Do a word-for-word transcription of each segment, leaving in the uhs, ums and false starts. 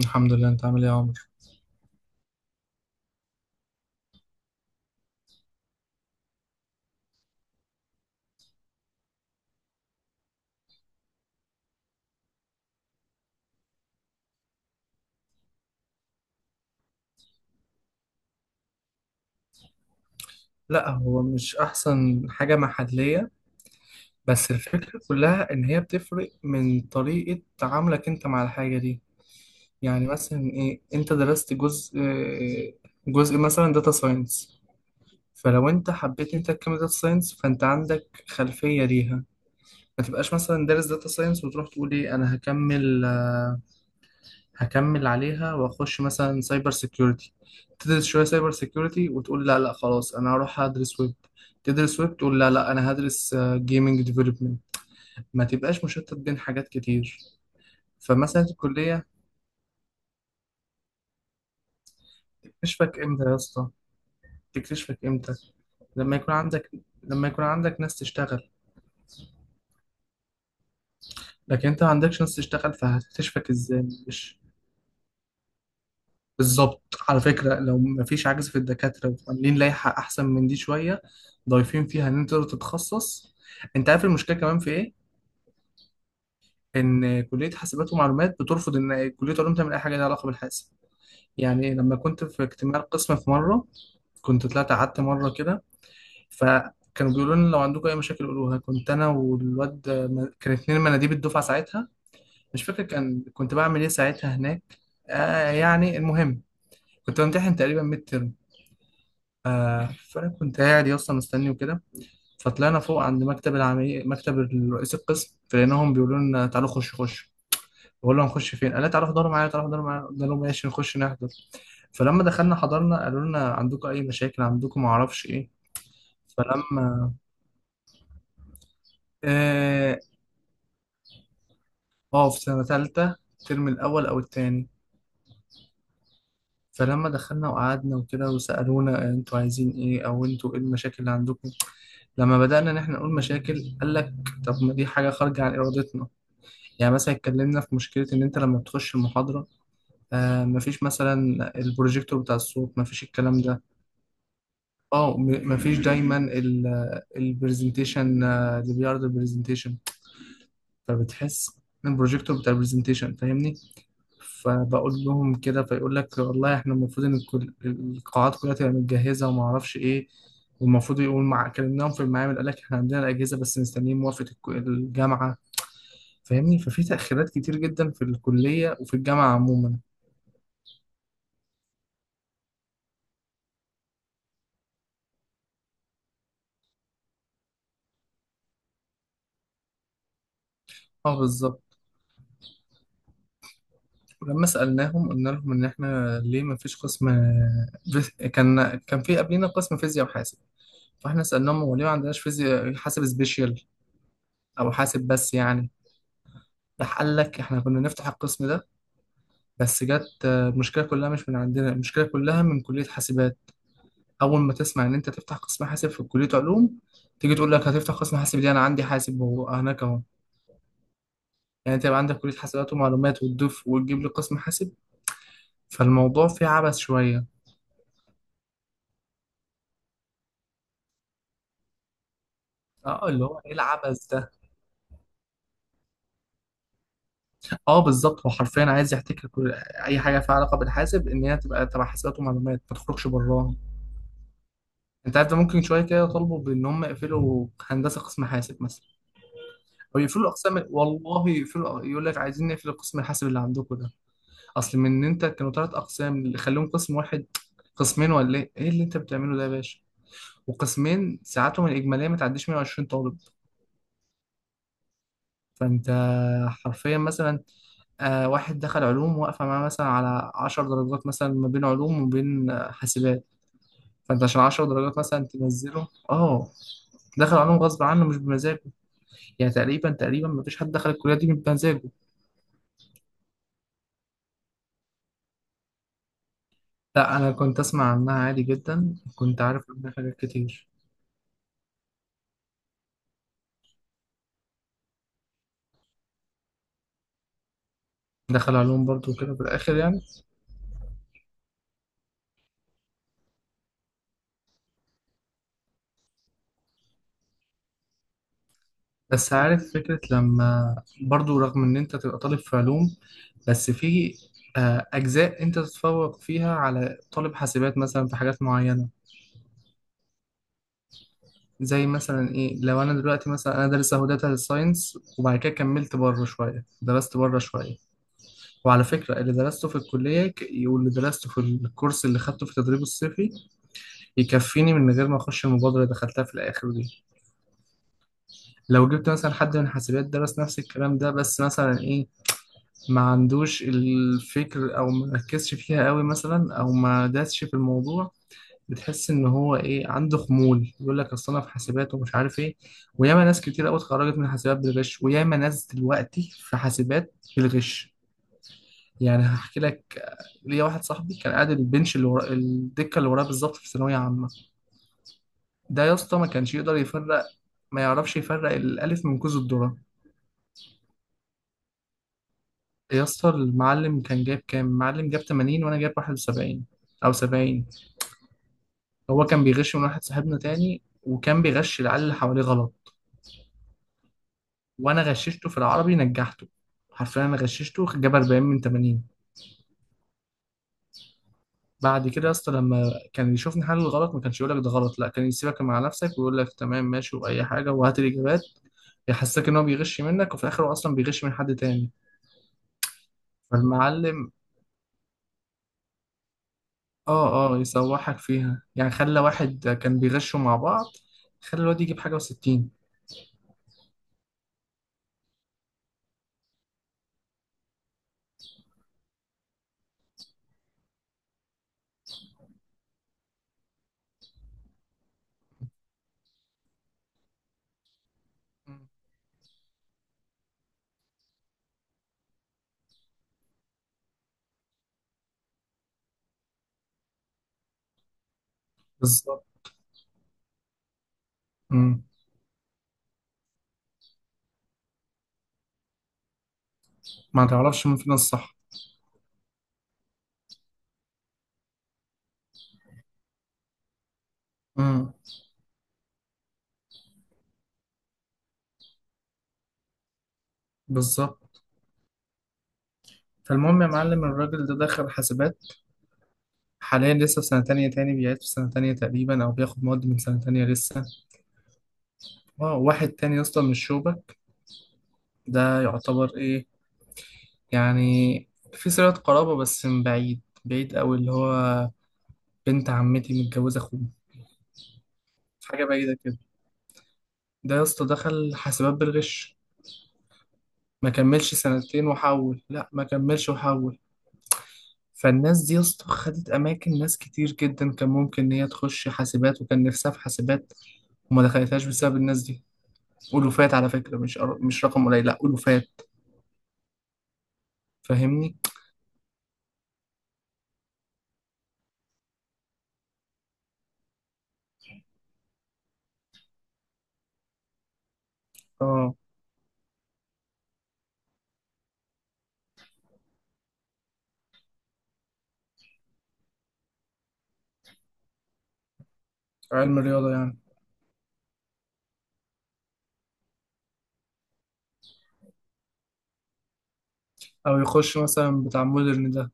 الحمد لله. انت عامل ايه يا عمر؟ لا، هو مش احسن حاجه محليه، بس الفكره كلها ان هي بتفرق من طريقه تعاملك انت مع الحاجه دي. يعني مثلا ايه، انت درست جزء جزء مثلا داتا ساينس، فلو انت حبيت انت تكمل داتا ساينس فانت عندك خلفيه ليها. ما تبقاش مثلا دارس داتا ساينس وتروح تقول ايه انا هكمل، هكمل عليها واخش مثلا سايبر سيكيورتي، تدرس شويه سايبر سيكيورتي وتقول لا لا خلاص انا هروح ادرس ويب، تدرس ويب تقول لا لا انا هدرس جيمنج ديفلوبمنت. ما تبقاش مشتت بين حاجات كتير. فمثلا الكليه تكتشفك امتى يا اسطى؟ تكتشفك امتى؟ لما يكون عندك، لما يكون عندك ناس تشتغل. لكن انت ما عندكش ناس تشتغل فهتكتشفك ازاي؟ مش بالظبط. على فكرة، لو مفيش عجز في الدكاترة وعاملين لائحة أحسن من دي شوية ضايفين فيها إن أنت تقدر تتخصص. أنت عارف المشكلة كمان في إيه؟ إن كلية حاسبات ومعلومات بترفض إن كلية علوم تعمل أي حاجة ليها علاقة بالحاسب. يعني لما كنت في اجتماع القسم في مرة، كنت طلعت قعدت مرة كده، فكانوا بيقولوا لنا لو عندكم أي مشاكل قولوها. كنت أنا والواد، كان اتنين مناديب الدفعة ساعتها. مش فاكر كان كنت بعمل إيه ساعتها هناك. آه يعني المهم، كنت بمتحن تقريبا ميد. آه فانا كنت قاعد يا اسطى مستني وكده، فطلعنا فوق عند مكتب العميد، مكتب رئيس القسم، فلقيناهم بيقولوا لنا تعالوا خش خش. بقول لهم نخش فين؟ قال لي تعالوا احضروا معايا، تعالوا احضروا معايا. قلت لهم ماشي نخش نحضر. فلما دخلنا حضرنا قالوا لنا عندكم اي مشاكل، عندكم ما اعرفش ايه. فلما اه، آه، في سنه ثالثه الترم الاول او الثاني. فلما دخلنا وقعدنا وكده وسالونا آه، انتوا عايزين ايه، او انتوا ايه المشاكل اللي عندكم. لما بدانا ان احنا نقول مشاكل قال لك طب ما دي حاجه خارجه عن ارادتنا. يعني مثلا اتكلمنا في مشكلة إن أنت لما بتخش المحاضرة، آه مفيش مثلا البروجيكتور بتاع الصوت، مفيش الكلام ده. اه، م- مفيش دايما البرزنتيشن اللي بيعرض البرزنتيشن. فبتحس إن البروجيكتور بتاع البرزنتيشن، فاهمني؟ فبقول لهم كده فيقول لك والله احنا المفروض ان الكل- القاعات كلها تبقى متجهزة وما اعرفش ايه. والمفروض يقول مع، كلمناهم في المعامل قال لك احنا عندنا الأجهزة بس مستنيين موافقة الك- الجامعة. فاهمني؟ ففي تأخيرات كتير جدا في الكلية وفي الجامعة عموما. اه بالظبط. ولما سألناهم قلنا لهم ان احنا ليه ما فيش قسم فيز- كان، كان في قبلنا قسم فيزياء وحاسب. فاحنا سألناهم هو ليه ما عندناش فيزياء حاسب سبيشال، او حاسب بس يعني. راح قال لك احنا كنا نفتح القسم ده بس جت آه، المشكله كلها مش من عندنا، المشكله كلها من كلية حاسبات. اول ما تسمع ان انت تفتح قسم حاسب في كلية علوم، تيجي تقول لك هتفتح قسم حاسب ليه، انا عندي حاسب وهو هناك اهو. يعني انت يبقى عندك كلية حاسبات ومعلومات وتضيف وتجيب لي قسم حاسب. فالموضوع فيه عبث شوية. اه، اللي هو ايه العبث ده. اه بالظبط، هو حرفيا عايز يحتكر كل اي حاجه فيها علاقه بالحاسب ان هي تبقى تبع حسابات ومعلومات، ما تخرجش براها. انت عارف ده ممكن شويه كده يطالبوا بان هم يقفلوا هندسه قسم حاسب مثلا، او يقفلوا الاقسام. والله يقفلوا، يقول لك عايزين نقفل قسم الحاسب اللي عندكم ده. اصل من ان انت كانوا ثلاث اقسام، اللي خليهم قسم واحد، قسمين ولا ايه. ايه اللي انت بتعمله ده يا باشا؟ وقسمين ساعاتهم الاجماليه ما تعديش 120 طالب. فانت حرفيا مثلا، آه واحد دخل علوم واقفة معاه مثلا على عشر درجات، مثلا ما بين علوم وبين آه، حاسبات، فانت عشان عشر درجات مثلا تنزله. اه، دخل علوم غصب عنه مش بمزاجه. يعني تقريبا تقريبا ما فيش حد دخل الكلية دي بمزاجه. لا، انا كنت اسمع عنها عادي جدا، كنت عارف عنها حاجات كتير. دخل علوم برضو كده في الاخر يعني. بس عارف فكرة لما، برضو رغم ان انت تبقى طالب في علوم، بس في آه، اجزاء انت تتفوق فيها على طالب حاسبات مثلا في حاجات معينة. زي مثلا ايه، لو انا دلوقتي مثلا انا دارس اهو داتا ساينس وبعد كده كملت بره شويه، درست بره شويه. وعلى فكره، اللي درسته في الكليه ك- واللي درسته في الكورس اللي خدته في التدريب الصيفي يكفيني، من غير ما اخش المبادره اللي دخلتها في الاخر دي. لو جبت مثلا حد من حاسبات درس نفس الكلام ده، بس مثلا ايه ما عندوش الفكر، او ما ركزش فيها قوي مثلا، او ما داسش في الموضوع، بتحس ان هو ايه عنده خمول، يقول لك اصل انا في حاسبات ومش عارف ايه. وياما ناس كتير قوي اتخرجت من حاسبات بالغش، وياما ناس دلوقتي في حاسبات بالغش. يعني هحكي لك، آه، ليا واحد صاحبي كان قاعد البنش اللي ورا الدكه اللي وراه بالظبط في ثانويه عامه. ده يا اسطى ما كانش يقدر يفرق، ما يعرفش يفرق الالف من كوز الذره. يا اسطى، المعلم كان جايب كام؟ المعلم جاب تمانين وانا جايب واحد وسبعين او سبعين. هو كان بيغش من واحد صاحبنا تاني، وكان بيغش العيال اللي حواليه غلط. وانا غششته في العربي نجحته، حرفيا انا غششته جاب أربعين من تمانين. بعد كده يا اسطى لما كان يشوفني حل الغلط ما كانش يقول لك ده غلط، لا كان يسيبك مع نفسك ويقول لك تمام ماشي واي حاجه وهات الاجابات. يحسسك ان هو بيغش منك وفي الاخر هو اصلا بيغش من حد تاني. فالمعلم، اه اه يسوحك فيها يعني. خلى واحد كان بيغشوا مع بعض، خلى الواد يجيب حاجه و60. بالظبط. مم. ما تعرفش مين فينا الصح. مم. بالظبط. فالمهم يا معلم، الراجل ده دخل حاسبات، حاليا لسه في سنة تانية، تاني بيعيد في سنة تانية تقريبا، أو بياخد مواد من سنة تانية لسه. آه، واحد تاني يا اسطى من الشوبة، ده يعتبر إيه يعني، في صلة قرابة بس من بعيد بعيد أوي، اللي هو بنت عمتي متجوزة أخوه، حاجة بعيدة كده. ده يا اسطى دخل حاسبات بالغش، ما كملش سنتين وحول، لا ما كملش وحول. فالناس دي يا اسطى خدت أماكن ناس كتير جدا كان ممكن إن هي تخش حاسبات وكان نفسها في حاسبات، وما دخلتهاش بسبب الناس دي. ألوفات على فكرة، مش أر... مش رقم قليل، لا ألوفات. فاهمني؟ اه، علم الرياضة يعني. أو يخش مثلا بتاع مودرن ده.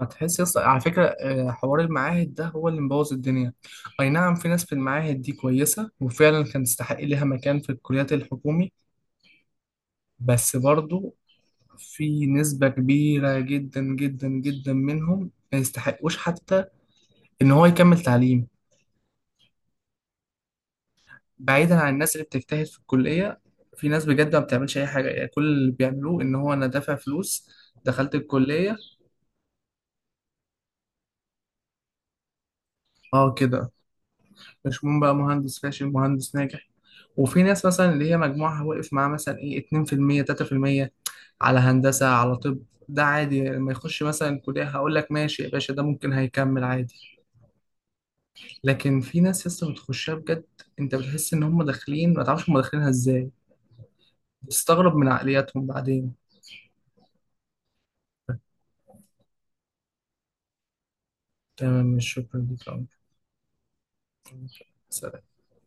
هتحس يا اسطى على فكرة، آه، حوار المعاهد ده هو اللي مبوظ الدنيا. أي نعم، في ناس في المعاهد دي كويسة وفعلا كان تستحق ليها مكان في الكليات الحكومي، بس برضو في نسبة كبيرة جدا جدا جدا منهم ما يستحقوش حتى إن هو يكمل تعليم. بعيدا عن الناس اللي بتجتهد في الكلية، في ناس بجد ما بتعملش أي حاجة. يعني كل اللي بيعملوه إن هو أنا دافع فلوس، دخلت الكلية، أه كده. مش مهم بقى مهندس فاشل مهندس ناجح. وفي ناس مثلا اللي هي مجموعها واقف معاه مثلا إيه اثنين في المية، ثلاثة في المية على هندسة على طب. ده عادي يعني لما يخش مثلا كلية، هقول لك ماشي يا باشا، ده ممكن هيكمل عادي. لكن في ناس لسه بتخشها بجد، أنت بتحس إن هم داخلين، ما تعرفش هم داخلينها إزاي، بتستغرب من عقلياتهم بعدين. تمام، مش شكرا ليك. سلام.